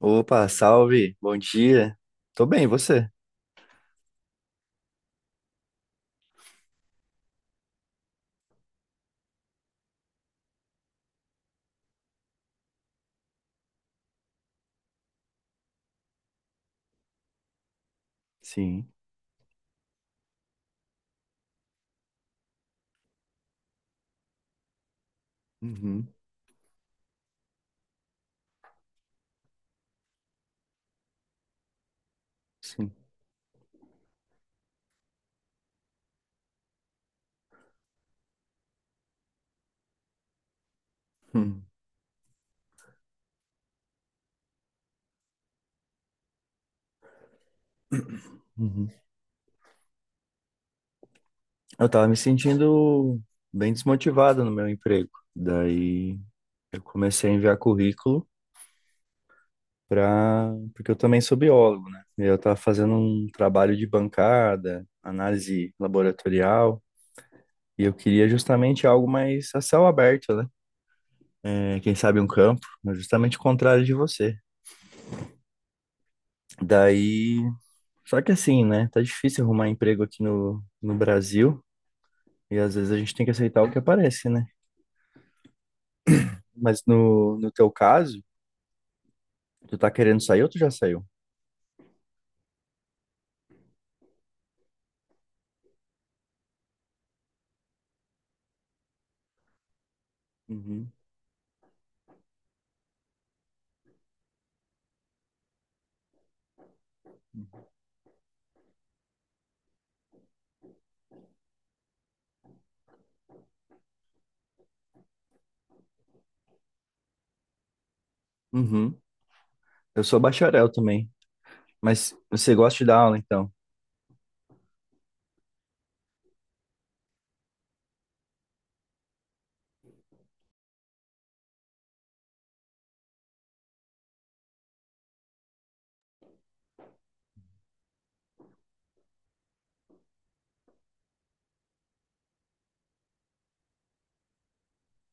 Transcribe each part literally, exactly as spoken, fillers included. Opa, salve, bom dia. Tô bem, e você? Sim. Uhum, sim. Hum, uhum. Eu tava me sentindo bem desmotivado no meu emprego. Daí eu comecei a enviar currículo pra... porque eu também sou biólogo, né? E eu tava fazendo um trabalho de bancada, análise laboratorial, e eu queria justamente algo mais a céu aberto, né? É, quem sabe um campo, mas justamente o contrário de você. Daí Só que assim, né? Tá difícil arrumar emprego aqui no, no Brasil e às vezes a gente tem que aceitar o que aparece, né? Mas no, no teu caso, tu tá querendo sair ou tu já saiu? Uhum. Uhum. Eu sou bacharel também, mas você gosta de dar aula então?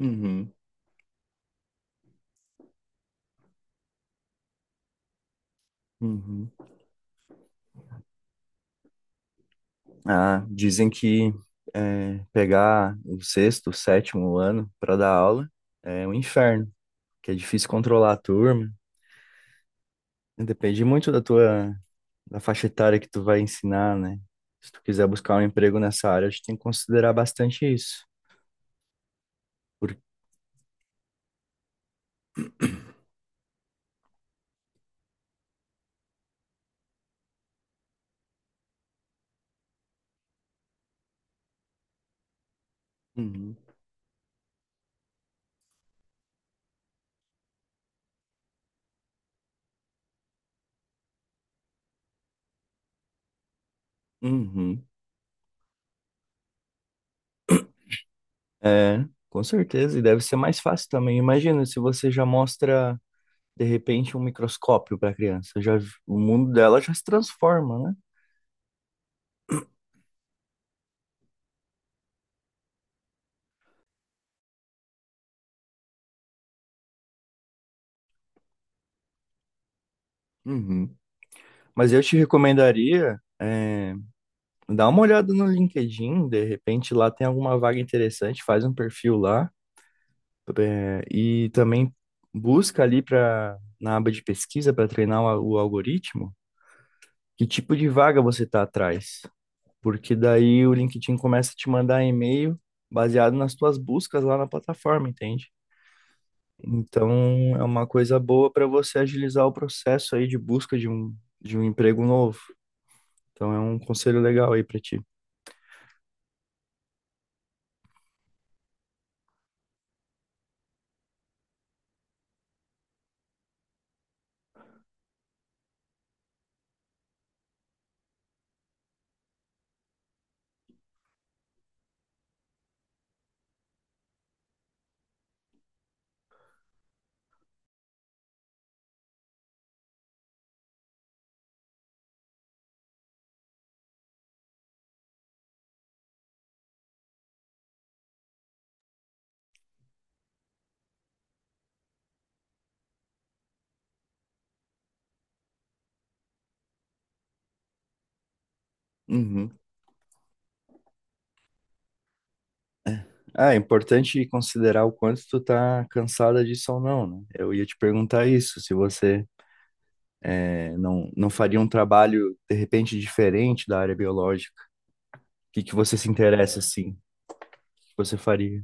Uhum. Uhum. Ah, dizem que é, pegar o sexto, o sétimo ano para dar aula é um inferno, que é difícil controlar a turma. Depende muito da tua da faixa etária que tu vai ensinar, né? Se tu quiser buscar um emprego nessa área, a gente tem que considerar bastante isso. Por... Uhum. Uhum. É, com certeza. E deve ser mais fácil também. Imagina se você já mostra, de repente, um microscópio para a criança. Já, o mundo dela já se transforma, né? Uhum. Mas eu te recomendaria, é, dar uma olhada no LinkedIn, de repente lá tem alguma vaga interessante, faz um perfil lá. É, e também busca ali para na aba de pesquisa para treinar o, o algoritmo que tipo de vaga você está atrás, porque daí o LinkedIn começa a te mandar e-mail baseado nas tuas buscas lá na plataforma, entende? Então é uma coisa boa para você agilizar o processo aí de busca de um, de um emprego novo. Então é um conselho legal aí para ti. Uhum. Ah, é importante considerar o quanto tu tá cansada disso ou não, né? Eu ia te perguntar isso, se você é, não, não faria um trabalho, de repente, diferente da área biológica? O que que você se interessa, assim? O que você faria?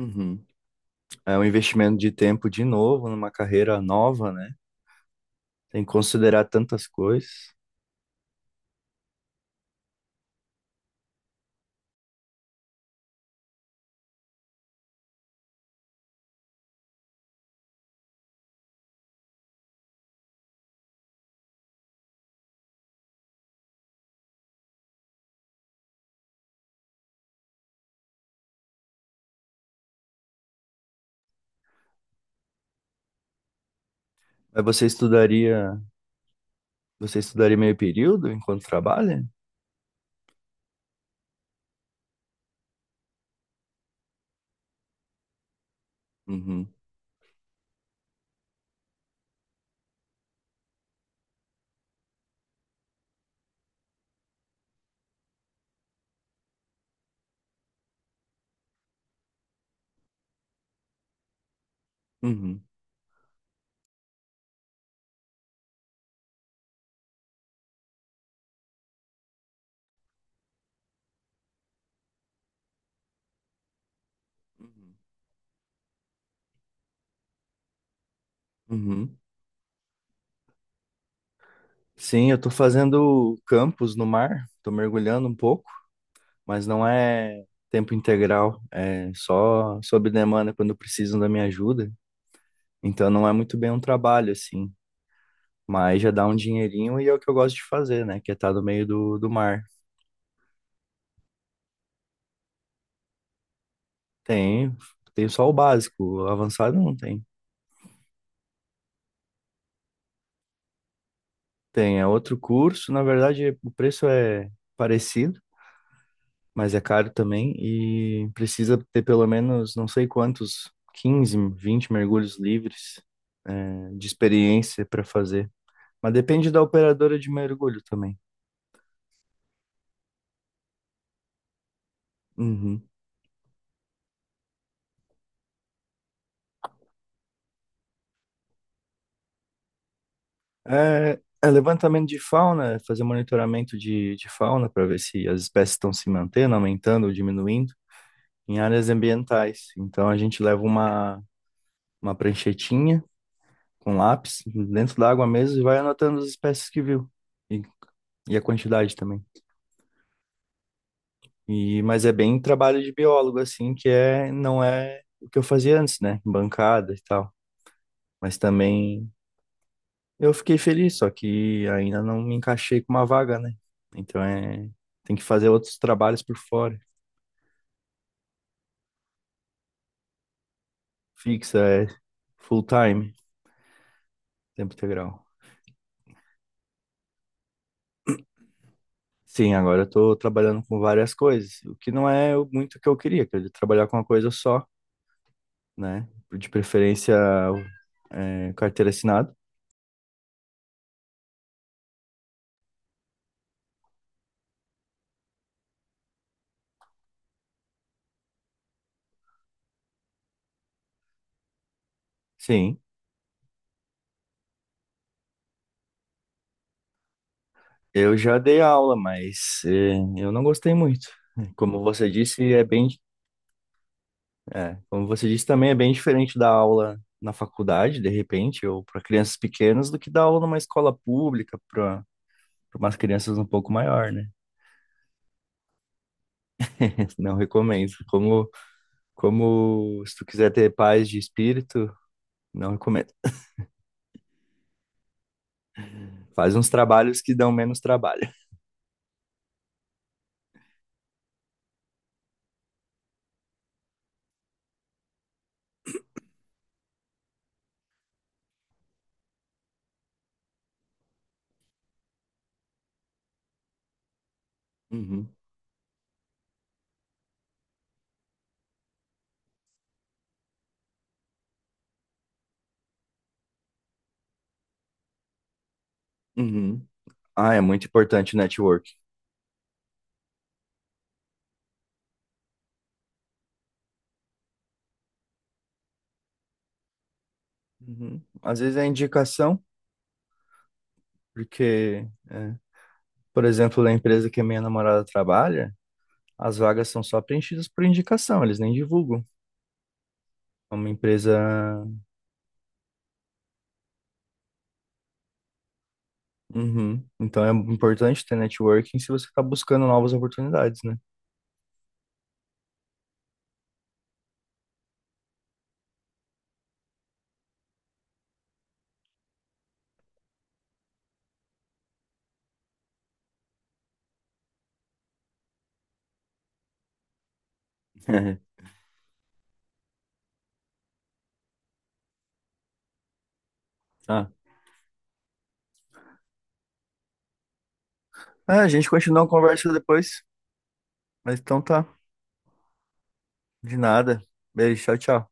Uhum. É um investimento de tempo de novo, numa carreira nova, né? Tem que considerar tantas coisas. Mas você estudaria, você estudaria meio período enquanto trabalha? Uhum. Uhum. Uhum. Sim, eu tô fazendo campus no mar, tô mergulhando um pouco, mas não é tempo integral, é só sob demanda quando precisam da minha ajuda. Então não é muito bem um trabalho, assim, mas já dá um dinheirinho e é o que eu gosto de fazer, né? Que é estar no meio do, do mar. Tem, tem só o básico, o avançado não tem. Tem, é outro curso, na verdade o preço é parecido, mas é caro também e precisa ter pelo menos não sei quantos, quinze vinte mergulhos livres, eh, de experiência para fazer. Mas depende da operadora de mergulho também. Uhum. É, é levantamento de fauna, é fazer monitoramento de, de fauna para ver se as espécies estão se mantendo, aumentando ou diminuindo em áreas ambientais. Então a gente leva uma, uma pranchetinha com lápis dentro da água mesmo e vai anotando as espécies que viu e, e a quantidade também. E, mas é bem trabalho de biólogo, assim, que é, não é o que eu fazia antes, né? Bancada e tal. Mas também Eu fiquei feliz, só que ainda não me encaixei com uma vaga, né? Então é, tem que fazer outros trabalhos por fora. Fixa, é full time, tempo integral. Sim, agora eu tô trabalhando com várias coisas, o que não é o- muito o que eu queria, queria trabalhar com uma coisa só, né? De preferência, é, carteira assinada. Sim, eu já dei aula, mas é, eu não gostei muito. Como você disse, é bem É, como você disse, também é bem diferente da aula na faculdade, de repente, ou para crianças pequenas, do que dar aula numa escola pública para umas crianças um pouco maior, né? Não recomendo. Como, como se tu quiser ter paz de espírito, não recomendo. Faz uns trabalhos que dão menos trabalho. Uhum, uhum. Ah, é muito importante o network. Uhum. Às vezes é indicação, porque, é, por exemplo, na empresa que a minha namorada trabalha, as vagas são só preenchidas por indicação, eles nem divulgam. É uma empresa. Uhum. Então é importante ter networking se você está buscando novas oportunidades, né? Tá. Ah, a gente continua a conversa depois. Mas então tá. De nada. Beijo, tchau, tchau.